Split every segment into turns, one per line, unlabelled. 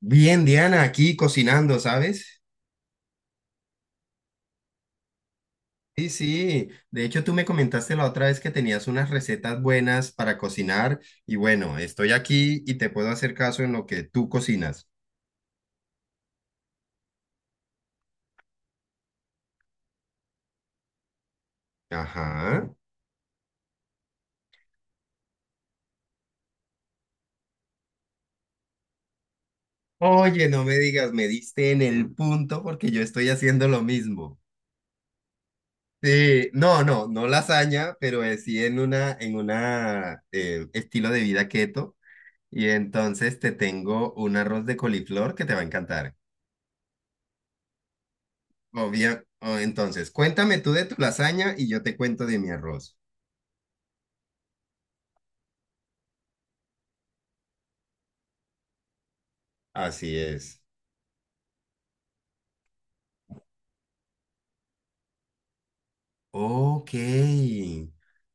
Bien, Diana, aquí cocinando, ¿sabes? Sí, sí. De hecho, tú me comentaste la otra vez que tenías unas recetas buenas para cocinar y bueno, estoy aquí y te puedo hacer caso en lo que tú cocinas. Ajá. Oye, no me digas, me diste en el punto porque yo estoy haciendo lo mismo. Sí, no, no, no lasaña, pero sí en una, en una estilo de vida keto. Y entonces te tengo un arroz de coliflor que te va a encantar. Entonces, cuéntame tú de tu lasaña y yo te cuento de mi arroz. Así es. Ok.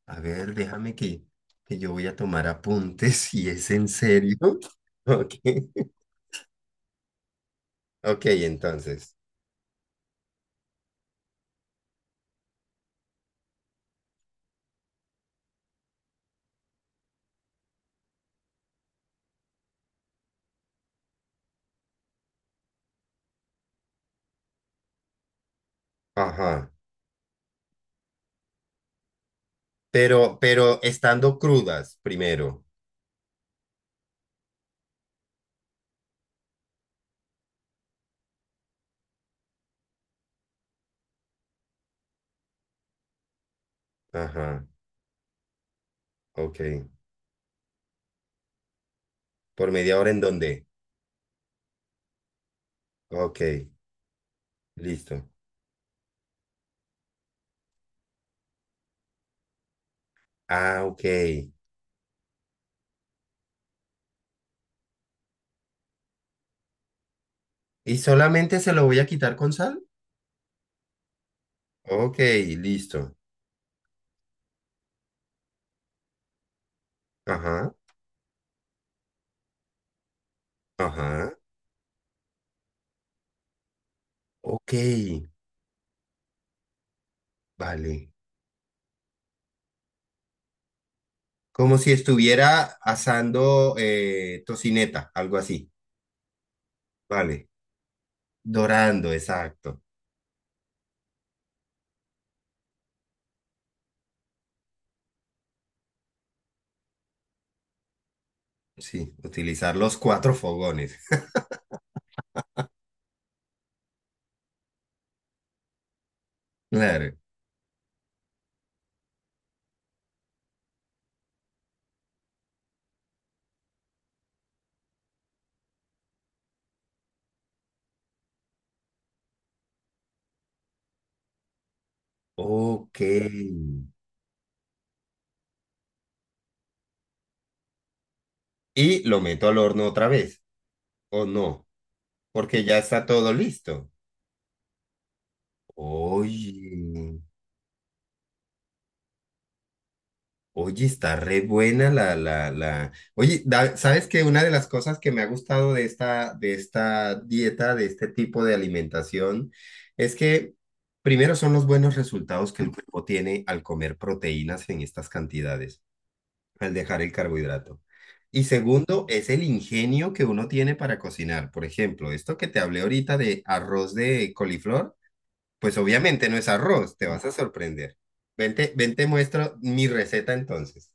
A ver, déjame que yo voy a tomar apuntes si es en serio. Ok. Ok, entonces. Ajá. Pero estando crudas primero. Ajá. Ok. ¿Por media hora en dónde? Ok. Listo. Ah, ok. ¿Y solamente se lo voy a quitar con sal? Ok, listo. Ajá. Ajá. Ok, vale. Como si estuviera asando tocineta, algo así. Vale. Dorando, exacto. Sí, utilizar los cuatro fogones. Claro. Ok. Y lo meto al horno otra vez, ¿o no? Porque ya está todo listo. Oye. Oye, está re buena la. Oye, ¿sabes que una de las cosas que me ha gustado de esta dieta, de este tipo de alimentación, es que primero son los buenos resultados que el cuerpo tiene al comer proteínas en estas cantidades, al dejar el carbohidrato? Y segundo, es el ingenio que uno tiene para cocinar. Por ejemplo, esto que te hablé ahorita de arroz de coliflor, pues obviamente no es arroz, te vas a sorprender. Vente, ven, te muestro mi receta entonces.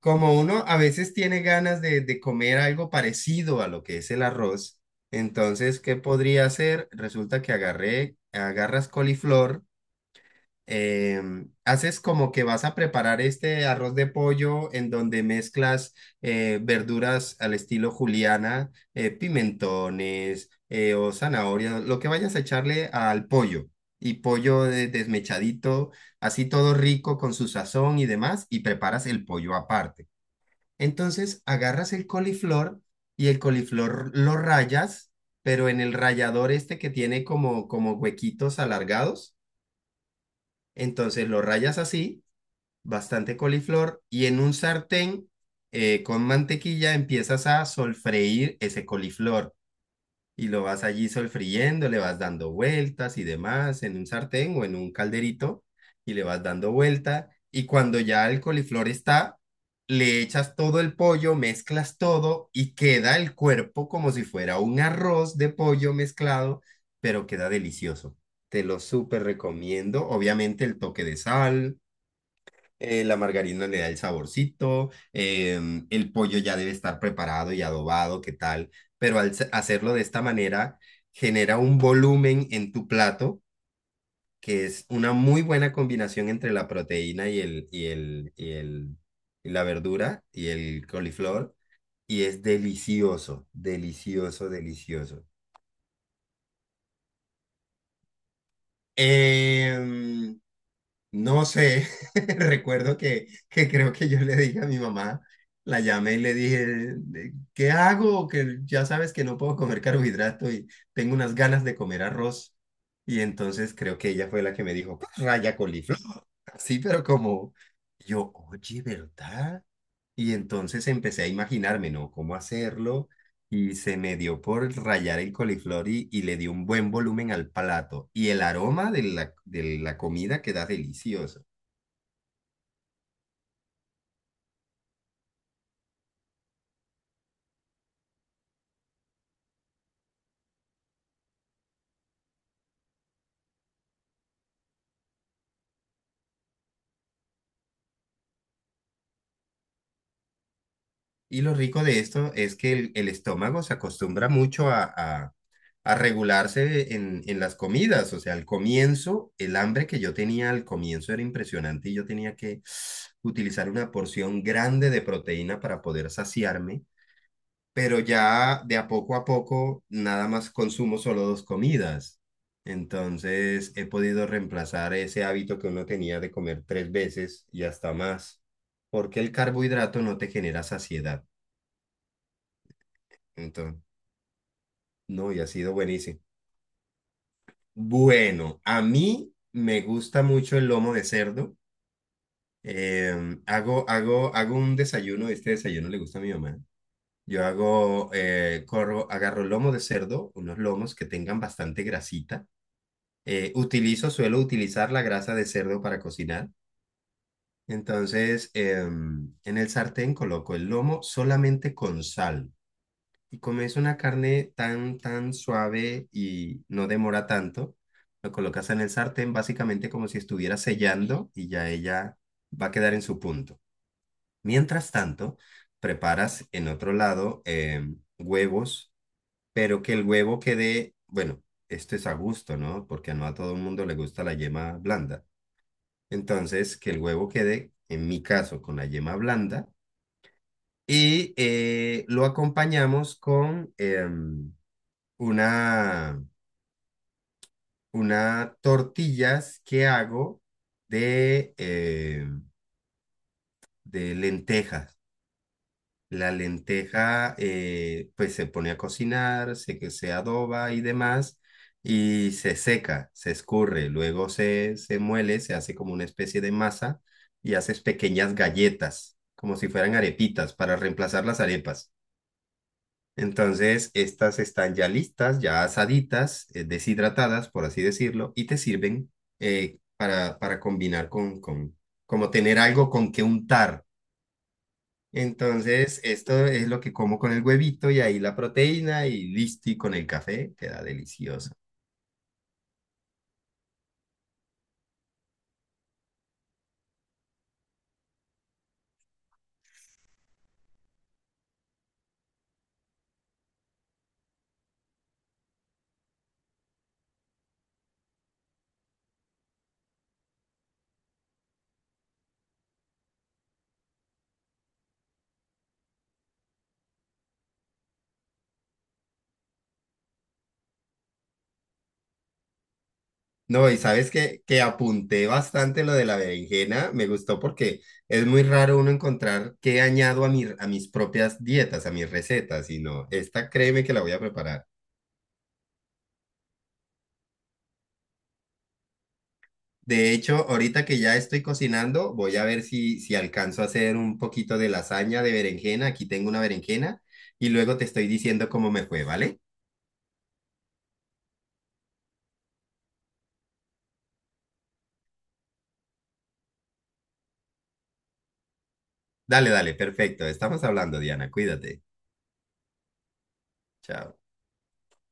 Como uno a veces tiene ganas de comer algo parecido a lo que es el arroz, entonces, ¿qué podría hacer? Resulta que agarras coliflor, haces como que vas a preparar este arroz de pollo en donde mezclas verduras al estilo juliana, pimentones o zanahorias, lo que vayas a echarle al pollo. Y desmechadito, así todo rico con su sazón y demás, y preparas el pollo aparte. Entonces agarras el coliflor y el coliflor lo rayas, pero en el rallador este que tiene como huequitos alargados. Entonces lo rayas así, bastante coliflor, y en un sartén con mantequilla empiezas a solfreír ese coliflor y lo vas allí solfriendo, le vas dando vueltas y demás en un sartén o en un calderito y le vas dando vuelta y cuando ya el coliflor está, le echas todo el pollo, mezclas todo y queda el cuerpo como si fuera un arroz de pollo mezclado, pero queda delicioso. Te lo súper recomiendo. Obviamente el toque de sal, la margarina le da el saborcito. El pollo ya debe estar preparado y adobado, ¿qué tal? Pero al hacerlo de esta manera, genera un volumen en tu plato, que es una muy buena combinación entre la proteína y la verdura y el coliflor, y es delicioso, delicioso, delicioso. Em, No sé, recuerdo que creo que yo le dije a mi mamá, la llamé y le dije, ¿qué hago? Que ya sabes que no puedo comer carbohidrato y tengo unas ganas de comer arroz". Y entonces creo que ella fue la que me dijo, "Pues, raya". Sí, pero como yo, oye, ¿verdad? Y entonces empecé a imaginarme, ¿no?, cómo hacerlo y se me dio por rayar el coliflor y le di un buen volumen al plato. Y el aroma de de la comida queda delicioso. Y lo rico de esto es que el estómago se acostumbra mucho a regularse en las comidas. O sea, al comienzo, el hambre que yo tenía al comienzo era impresionante y yo tenía que utilizar una porción grande de proteína para poder saciarme, pero ya de a poco nada más consumo solo dos comidas. Entonces he podido reemplazar ese hábito que uno tenía de comer tres veces y hasta más, porque el carbohidrato no te genera saciedad. Entonces, no, y ha sido buenísimo. Bueno, a mí me gusta mucho el lomo de cerdo. Hago un desayuno, este desayuno le gusta a mi mamá. Yo hago, agarro lomo de cerdo, unos lomos que tengan bastante grasita. Suelo utilizar la grasa de cerdo para cocinar. Entonces, en el sartén coloco el lomo solamente con sal, y comes una carne tan suave y no demora tanto, lo colocas en el sartén básicamente como si estuviera sellando y ya ella va a quedar en su punto. Mientras tanto, preparas en otro lado huevos, pero que el huevo quede, bueno, esto es a gusto, ¿no? Porque no a todo el mundo le gusta la yema blanda. Entonces, que el huevo quede, en mi caso, con la yema blanda y lo acompañamos con... em, una, una tortillas que hago de, eh, de lentejas. La lenteja pues se pone a cocinar, que se adoba y demás, y se seca, se escurre, luego se muele, se hace como una especie de masa y haces pequeñas galletas, como si fueran arepitas, para reemplazar las arepas. Entonces, estas están ya listas, ya asaditas, deshidratadas, por así decirlo, y te sirven para combinar con, como tener algo con que untar. Entonces, esto es lo que como con el huevito y ahí la proteína y listo, y con el café queda delicioso. No, y sabes que apunté bastante lo de la berenjena, me gustó porque es muy raro uno encontrar qué añado a, mi, a mis propias dietas, a mis recetas, y no, esta créeme que la voy a preparar. De hecho, ahorita que ya estoy cocinando, voy a ver si alcanzo a hacer un poquito de lasaña de berenjena. Aquí tengo una berenjena y luego te estoy diciendo cómo me fue, ¿vale? Dale, dale, perfecto. Estamos hablando, Diana. Cuídate. Chao.